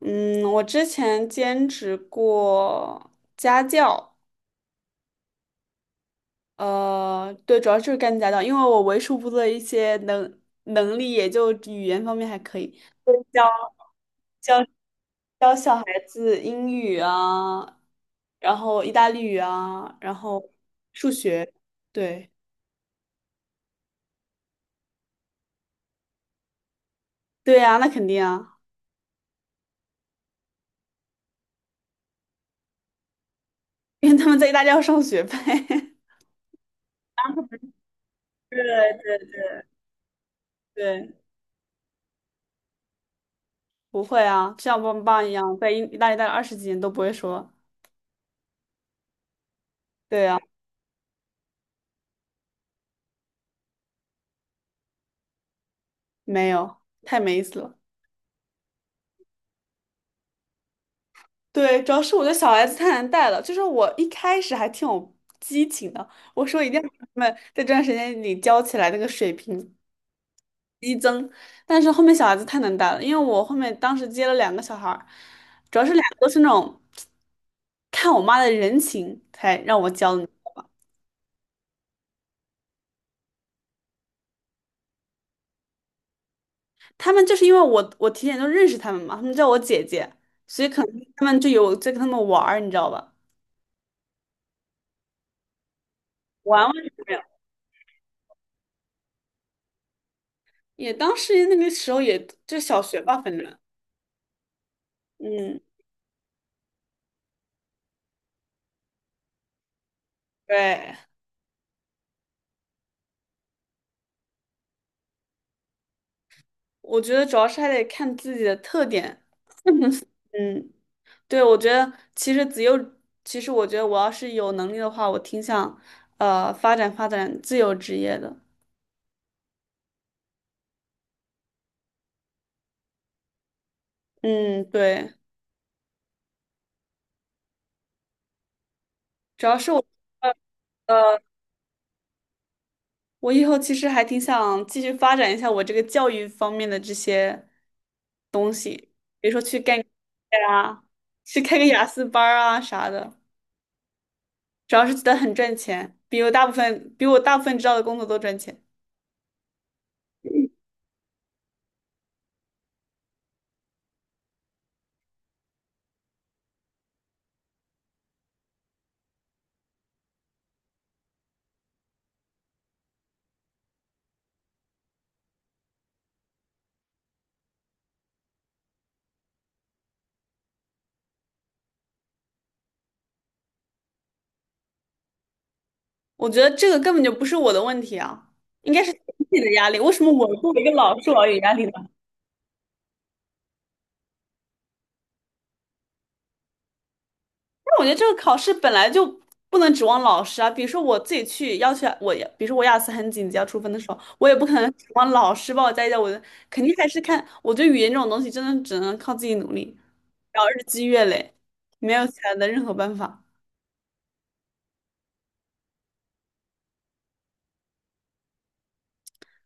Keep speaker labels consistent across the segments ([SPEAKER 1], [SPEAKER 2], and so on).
[SPEAKER 1] 嗯，我之前兼职过家教，对，主要就是干家教，因为我为数不多的一些能力，也就语言方面还可以，教教教小孩子英语啊，然后意大利语啊，然后数学，对，对呀，那肯定啊，因为他们在意大利要上学呗。对对，不会啊，像我爸爸一样，在意大利待了20几年都不会说，对啊，没有，太没意思了。对，主要是我觉得小孩子太难带了。就是我一开始还挺有激情的，我说一定要把他们在这段时间里教起来那个水平。但是后面小孩子太难带了，因为我后面当时接了两个小孩儿，主要是两个都是那种看我妈的人情才让我教你。他们就是因为我提前就认识他们嘛，他们叫我姐姐，所以可能他们就有在跟他们玩儿，你知道吧？玩玩就没有。也当时那个时候也就小学吧，反正嗯，对。我觉得主要是还得看自己的特点。嗯，对，我觉得其实自由，其实我觉得我要是有能力的话，我挺想发展发展自由职业的。嗯，对，主要是呃，我以后其实还挺想继续发展一下我这个教育方面的这些，比如说去干啊，去开个雅思班儿啊啥的。主要是觉得很赚钱，比我大部分知道的工作都赚钱。我觉得这个根本就不是我的问题啊，应该是整体的压力。为什么我作为一个老师，我要有压力呢？但我觉得这个考试本来就不能指望老师啊。比如说我自己去要求我，比如说我雅思很紧急要出分的时候，我也不可能指望老师帮我加一加我的，肯定还是看。我觉得语言这种东西真的只能靠自己努力，然后日积月累，没有其他的任何办法。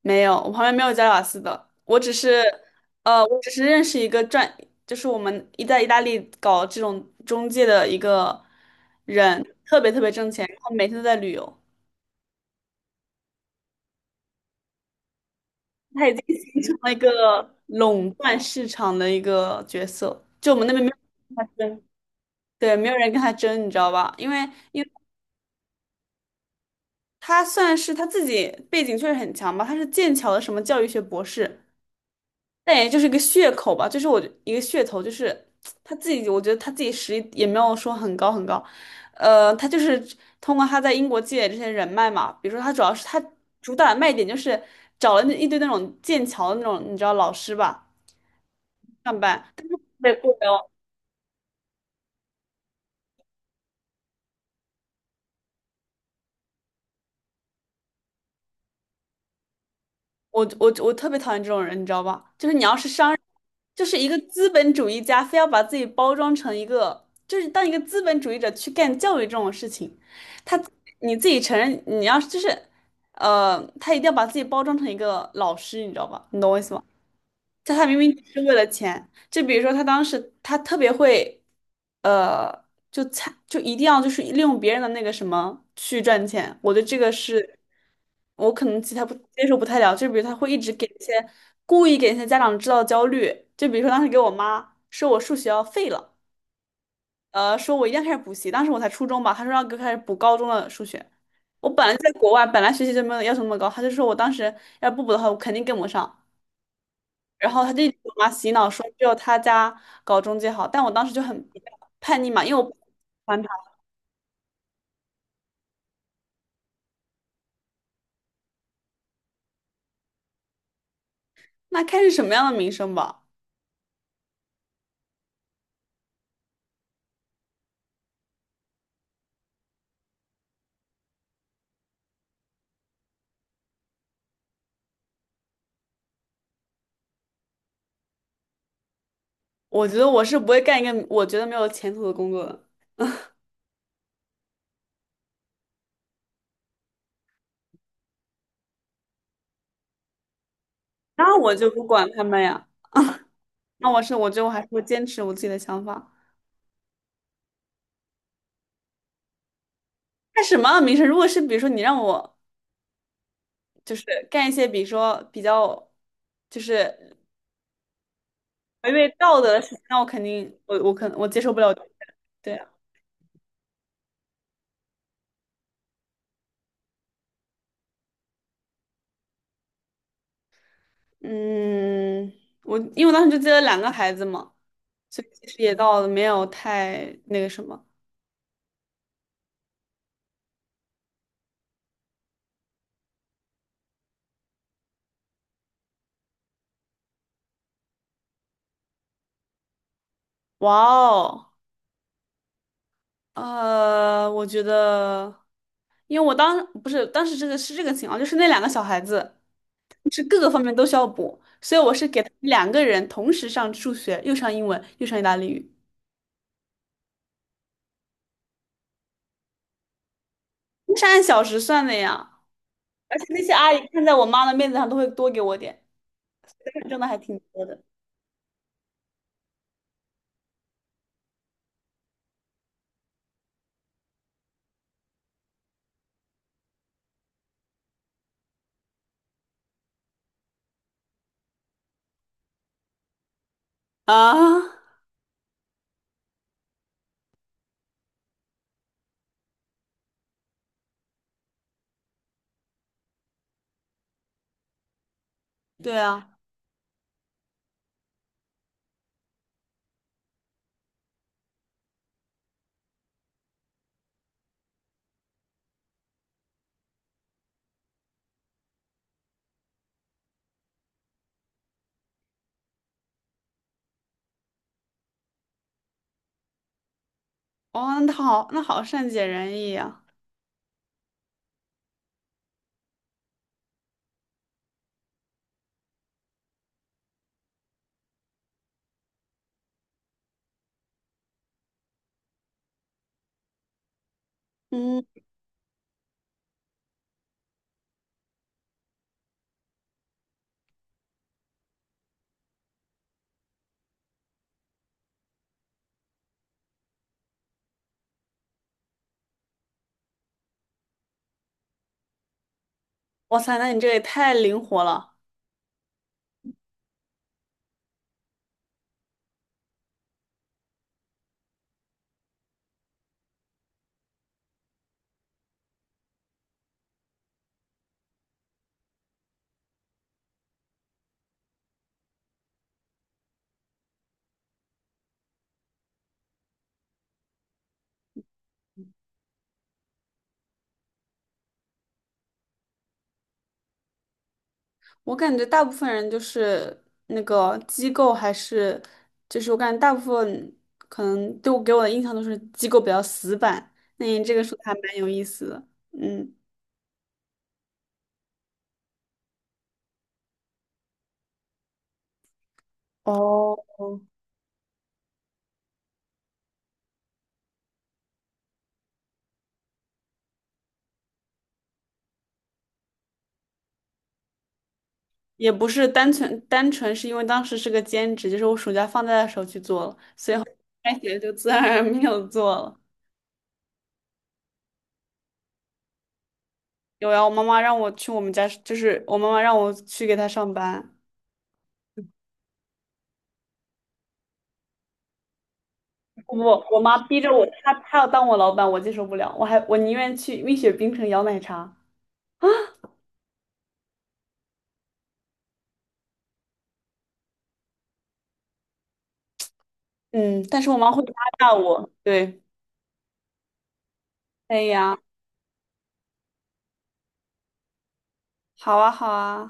[SPEAKER 1] 没有，我旁边没有加瓦斯的，我只是认识一个转，就是我们一在意大利搞这种中介的一个人，特别特别挣钱，然后每天都在旅游，他已经形成了一个垄断市场的一个角色，就我们那边没有人跟他争，对，没有人跟他争，你知道吧？因为他算是他自己背景确实很强吧，他是剑桥的什么教育学博士。但也就是一个噱口吧，就是我一个噱头，就是他自己，我觉得他自己实力也没有说很高很高，他就是通过他在英国积累这些人脉嘛，比如说他主打的卖点就是找了那一堆那种剑桥的那种你知道老师吧上班，对，雇聊我特别讨厌这种人，你知道吧？就是你要是商。就是一个资本主义家非要把自己包装成一个，就是当一个资本主义者去干教育这种事情，他你自己承认，你要就是，他一定要把自己包装成一个老师，你知道吧？你懂我意思吗？但他明明只是为了钱。就比如说，他当时他特别会，呃，就一定要就是利用别人的那个什么去赚钱。我对这个是，我可能其他不接受不太了。就比如他会一直给一些故意给一些家长制造焦虑。就比如说当时给我妈说我数学要废了，说我一定要开始补习。当时我才初中吧，他说要给我开始补高中的数学。我本来在国外，本来学习就没有要求那么高，他就说我当时要不补的话，我肯定跟不上。然后他就一直给我妈洗脑说只有他家搞中介好，但我当时就很叛逆嘛，因为我不喜欢他。那开是什么样的名声吧？我觉得我是不会干一个我觉得没有前途的工作的，那我就不管他们呀。那我觉得我还是会坚持我自己的想法。干什么样的名声？如果是比如说你让我就是干一些比如说比较就是违背道德的事情，那我肯定我可能我接受不了。对。嗯，我因为我当时就接了两个孩子嘛，所以其实也到了没有太那个什么。哇哦，我觉得，因为我不是当时这个是这个情况，就是那两个小孩子是各个方面都需要补，所以我是给他们两个人同时上数学，又上英文，又上意大利语，那是按小时算的呀。而且那些阿姨看在我妈的面子上，都会多给我点，挣的还挺多的啊。对啊。哦，那好，那好善解人意呀、嗯，哇塞，那你这也太灵活了。我感觉大部分人就是那个机构还是，就是我感觉大部分可能对我给我的印象都是机构比较死板。那你这个说的还蛮有意思的。嗯，哦，也不是单纯是因为当时是个兼职，就是我暑假放假的时候去做了，开学就自然而然没有做了。有呀，我妈妈让我去我们家，就是我妈妈让我去给她上班。我妈逼着我，她要当我老板，我接受不了，我宁愿去蜜雪冰城摇奶茶。嗯，但是我妈会压榨我。对，哎呀，好啊好啊。